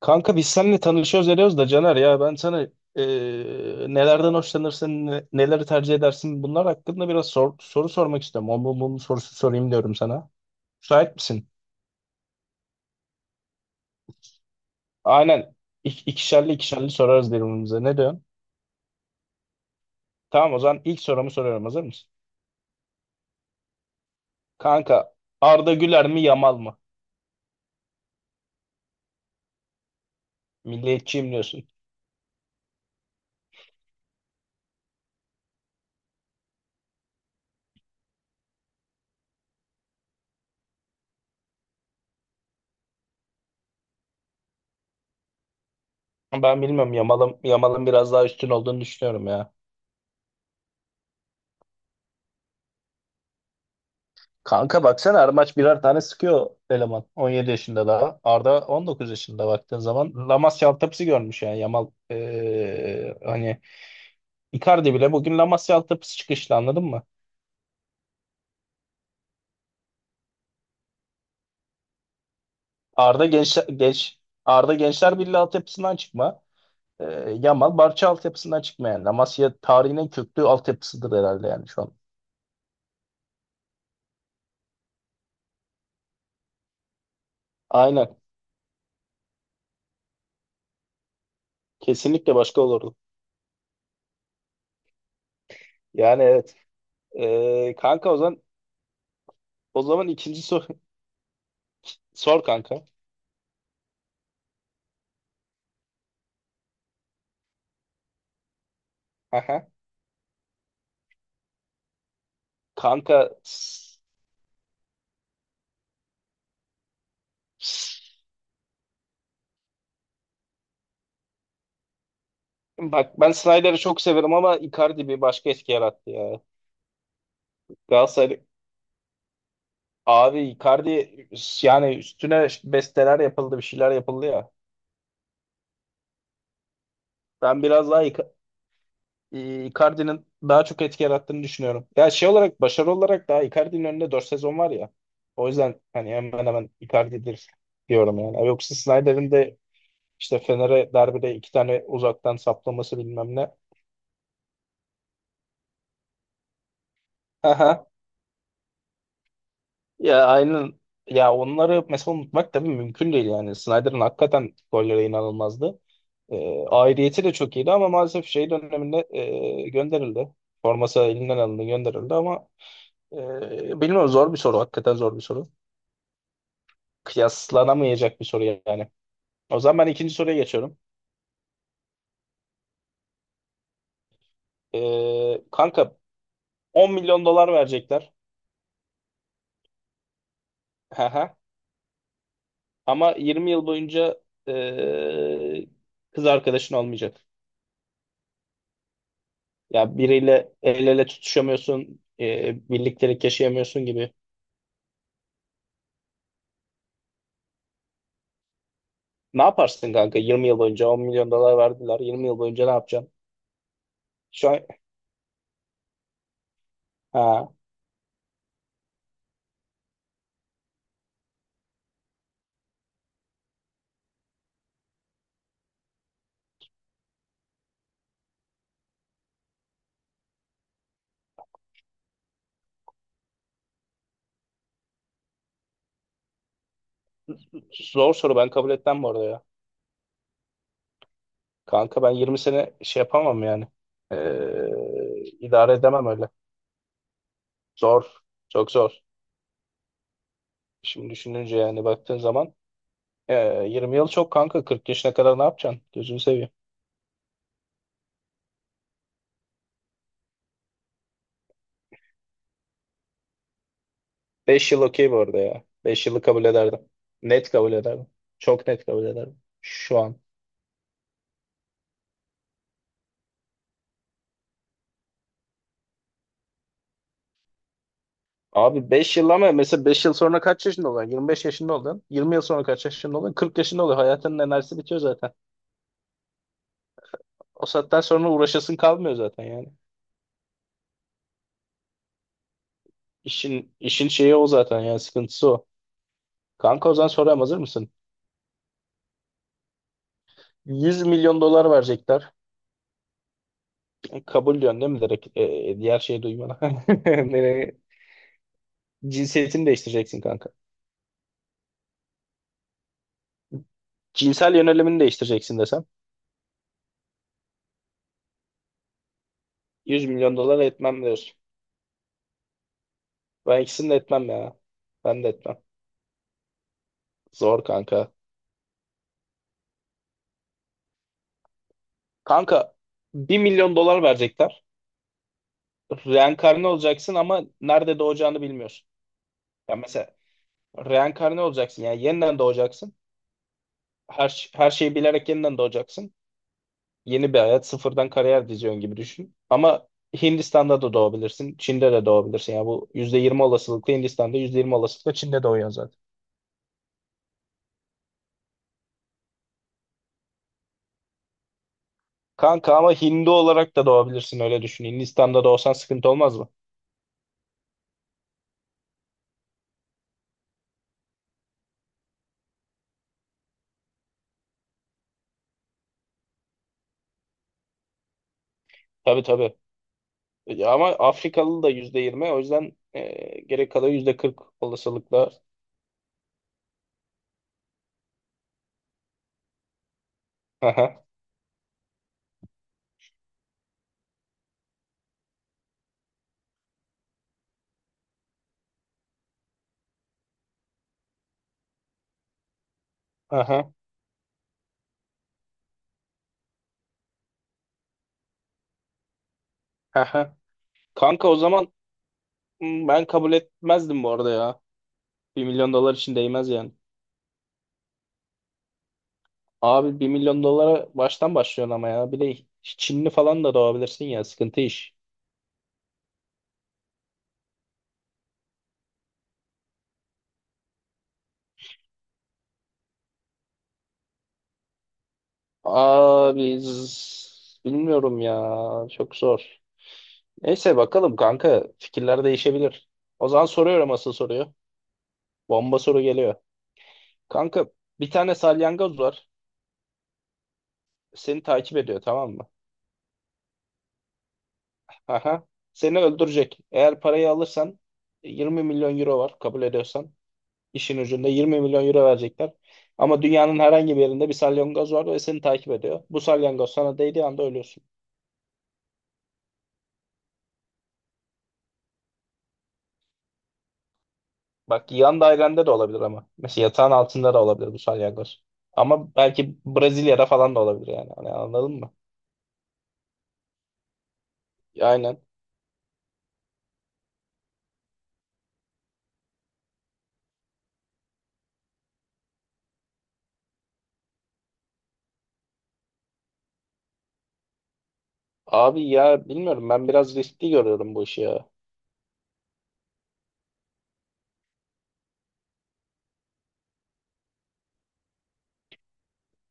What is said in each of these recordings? Kanka biz seninle tanışıyoruz ediyoruz da Caner ya ben sana nelerden hoşlanırsın, neleri tercih edersin bunlar hakkında biraz soru sormak istiyorum. O bu bunun sorusu sorayım diyorum sana. Müsait misin? Aynen. İk, ikişerli ikişerli sorarız birbirimize. Ne diyorsun? Tamam, o zaman ilk sorumu soruyorum. Hazır mısın? Kanka, Arda Güler mi Yamal mı? Milliyetçiyim diyorsun. Ben bilmiyorum, Yamal'ın biraz daha üstün olduğunu düşünüyorum ya. Kanka baksana her maç birer tane sıkıyor eleman. 17 yaşında daha. Arda 19 yaşında baktığın zaman. Lamasya altyapısı görmüş yani Yamal. Hani Icardi bile bugün Lamasya altyapısı çıkışlı, anladın mı? Arda genç, genç Arda Gençler Birliği altyapısından çıkma. Yamal Barça altyapısından çıkma yani. Lamasya tarihinin en köklü altyapısıdır herhalde yani şu an. Aynen. Kesinlikle başka olurdu. Yani evet. Kanka o zaman ikinci sor kanka. Aha. Kanka. Bak, ben Snyder'ı çok severim ama Icardi bir başka etki yarattı ya. Galatasaray abi, Icardi yani, üstüne besteler yapıldı, bir şeyler yapıldı ya. Ben biraz daha Icardi'nin daha çok etki yarattığını düşünüyorum. Ya şey olarak, başarı olarak daha Icardi'nin önünde 4 sezon var ya. O yüzden hani hemen hemen Icardi'dir diyorum yani. Yoksa Snyder'in de işte Fener'e derbide iki tane uzaktan saplaması, bilmem ne. Ya aynen. Ya onları mesela unutmak tabii mümkün değil yani. Snyder'ın hakikaten golleri inanılmazdı. Aidiyeti de çok iyiydi ama maalesef şey döneminde gönderildi. Forması elinden alındı, gönderildi ama bilmiyorum, zor bir soru. Hakikaten zor bir soru. Kıyaslanamayacak bir soru yani. O zaman ben ikinci soruya geçiyorum. Kanka 10 milyon dolar verecekler. Hı hı. Ama 20 yıl boyunca e, kız arkadaşın olmayacak. Ya biriyle el ele tutuşamıyorsun, birliktelik yaşayamıyorsun gibi. Ne yaparsın kanka? 20 yıl boyunca 10 milyon dolar verdiler. 20 yıl boyunca ne yapacaksın? Şu an. Ha, zor soru, ben kabul etmem bu arada ya. Kanka, ben 20 sene şey yapamam yani. İdare edemem öyle. Zor. Çok zor. Şimdi düşününce yani, baktığın zaman 20 yıl çok kanka. 40 yaşına kadar ne yapacaksın? Gözünü seveyim. 5 yıl okey bu arada ya. 5 yılı kabul ederdim. Net kabul ederdim. Çok net kabul ederdim. Şu an. Abi 5 yıl, ama mesela 5 yıl sonra kaç yaşında olacaksın? 25 yaşında olacaksın. 20 yıl sonra kaç yaşında olacaksın? 40 yaşında olacaksın. Hayatının enerjisi bitiyor zaten. O saatten sonra uğraşasın kalmıyor zaten yani. İşin şeyi o zaten yani, sıkıntısı o. Kanka, o zaman soruyorum, hazır mısın? 100 milyon dolar verecekler. E, kabul diyorsun değil mi direkt? Diğer şeyi duymana. Nereye? Cinsiyetini değiştireceksin kanka. Cinsel yönelimini değiştireceksin desem. 100 milyon dolar etmem diyorsun. Ben ikisini de etmem ya. Ben de etmem. Zor kanka. Kanka, 1 milyon dolar verecekler. Reenkarne olacaksın ama nerede doğacağını bilmiyorsun. Ya mesela reenkarne olacaksın, yani yeniden doğacaksın. Her şeyi bilerek yeniden doğacaksın. Yeni bir hayat sıfırdan kariyer diziyorsun gibi düşün. Ama Hindistan'da da doğabilirsin. Çin'de de doğabilirsin. Yani bu %20 olasılıkla Hindistan'da, %20 olasılıkla Çin'de doğuyorsun zaten. Kanka, ama Hindu olarak da doğabilirsin, öyle düşün. Hindistan'da doğsan sıkıntı olmaz mı? Tabii tabii. Ya ama Afrikalı da %20, o yüzden gerek kadar %40 olasılıkla. Aha, aha, aha. Kanka, o zaman ben kabul etmezdim bu arada ya. 1 milyon dolar için değmez yani. Abi, 1 milyon dolara baştan başlıyorsun ama ya. Bir de Çinli falan da doğabilirsin ya, sıkıntı iş. Abi bilmiyorum ya, çok zor. Neyse bakalım kanka, fikirler değişebilir. O zaman soruyorum asıl soruyu. Bomba soru geliyor. Kanka, bir tane salyangoz var. Seni takip ediyor, tamam mı? Aha. Seni öldürecek. Eğer parayı alırsan, 20 milyon euro var, kabul ediyorsan. İşin ucunda 20 milyon euro verecekler. Ama dünyanın herhangi bir yerinde bir salyangoz var ve seni takip ediyor. Bu salyangoz sana değdiği anda ölüyorsun. Bak, yan dairende de olabilir ama. Mesela yatağın altında da olabilir bu salyangoz. Ama belki Brezilya'da falan da olabilir yani. Hani, anladın mı? Aynen. Abi ya bilmiyorum, ben biraz riskli görüyorum bu işi ya.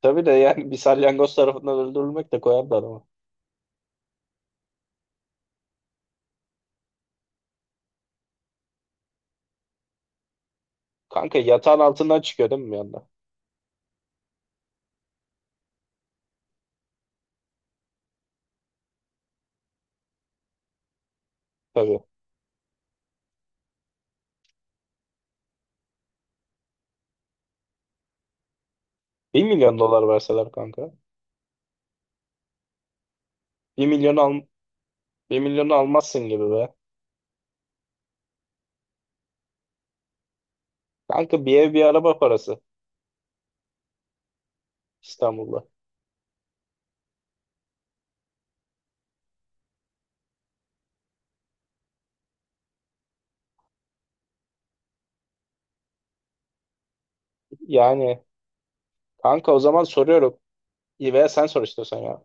Tabii de yani, bir salyangoz tarafından öldürülmek de koyarlar. Kanka, yatağın altından çıkıyor değil mi bir anda? Tabii. 1 milyon dolar verseler kanka. 1 milyonu al, 1 milyonu almazsın gibi be. Kanka, bir ev bir araba parası İstanbul'da. Yani kanka o zaman soruyorum. İyi, veya sen sor istiyorsan ya.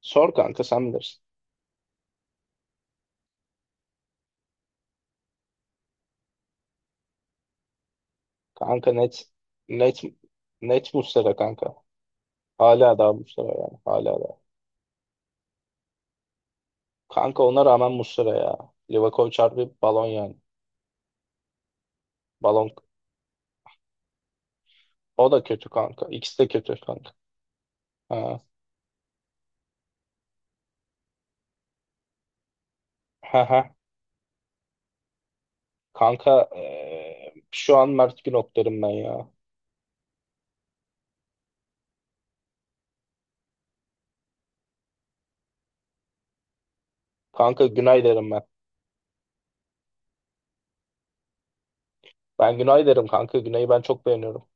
Sor kanka, sen bilirsin. Kanka, net net net Muslera kanka. Hala daha Muslera yani. Hala daha. Kanka, ona rağmen Muslera ya. Livakovic harbi balon yani. Balon. O da kötü kanka. İkisi de kötü kanka. Ha. Ha ha. Kanka, şu an Mert Günok derim ben ya. Kanka, Günay derim ben. Ben Günay derim kanka. Günay'ı ben çok beğeniyorum.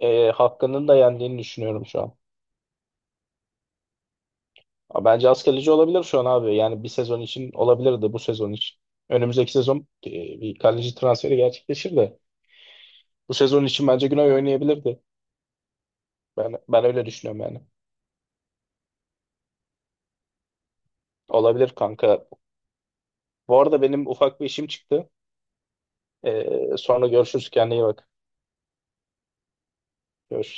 Hakkı'nın da yendiğini düşünüyorum şu an. Ama bence az kaleci olabilir şu an abi. Yani bir sezon için olabilirdi, bu sezon için. Önümüzdeki sezon bir kaleci transferi gerçekleşir de. Bu sezon için bence Günay oynayabilirdi. Ben öyle düşünüyorum yani. Olabilir kanka. Bu arada benim ufak bir işim çıktı. Sonra görüşürüz. Kendine iyi bak. Görüşürüz.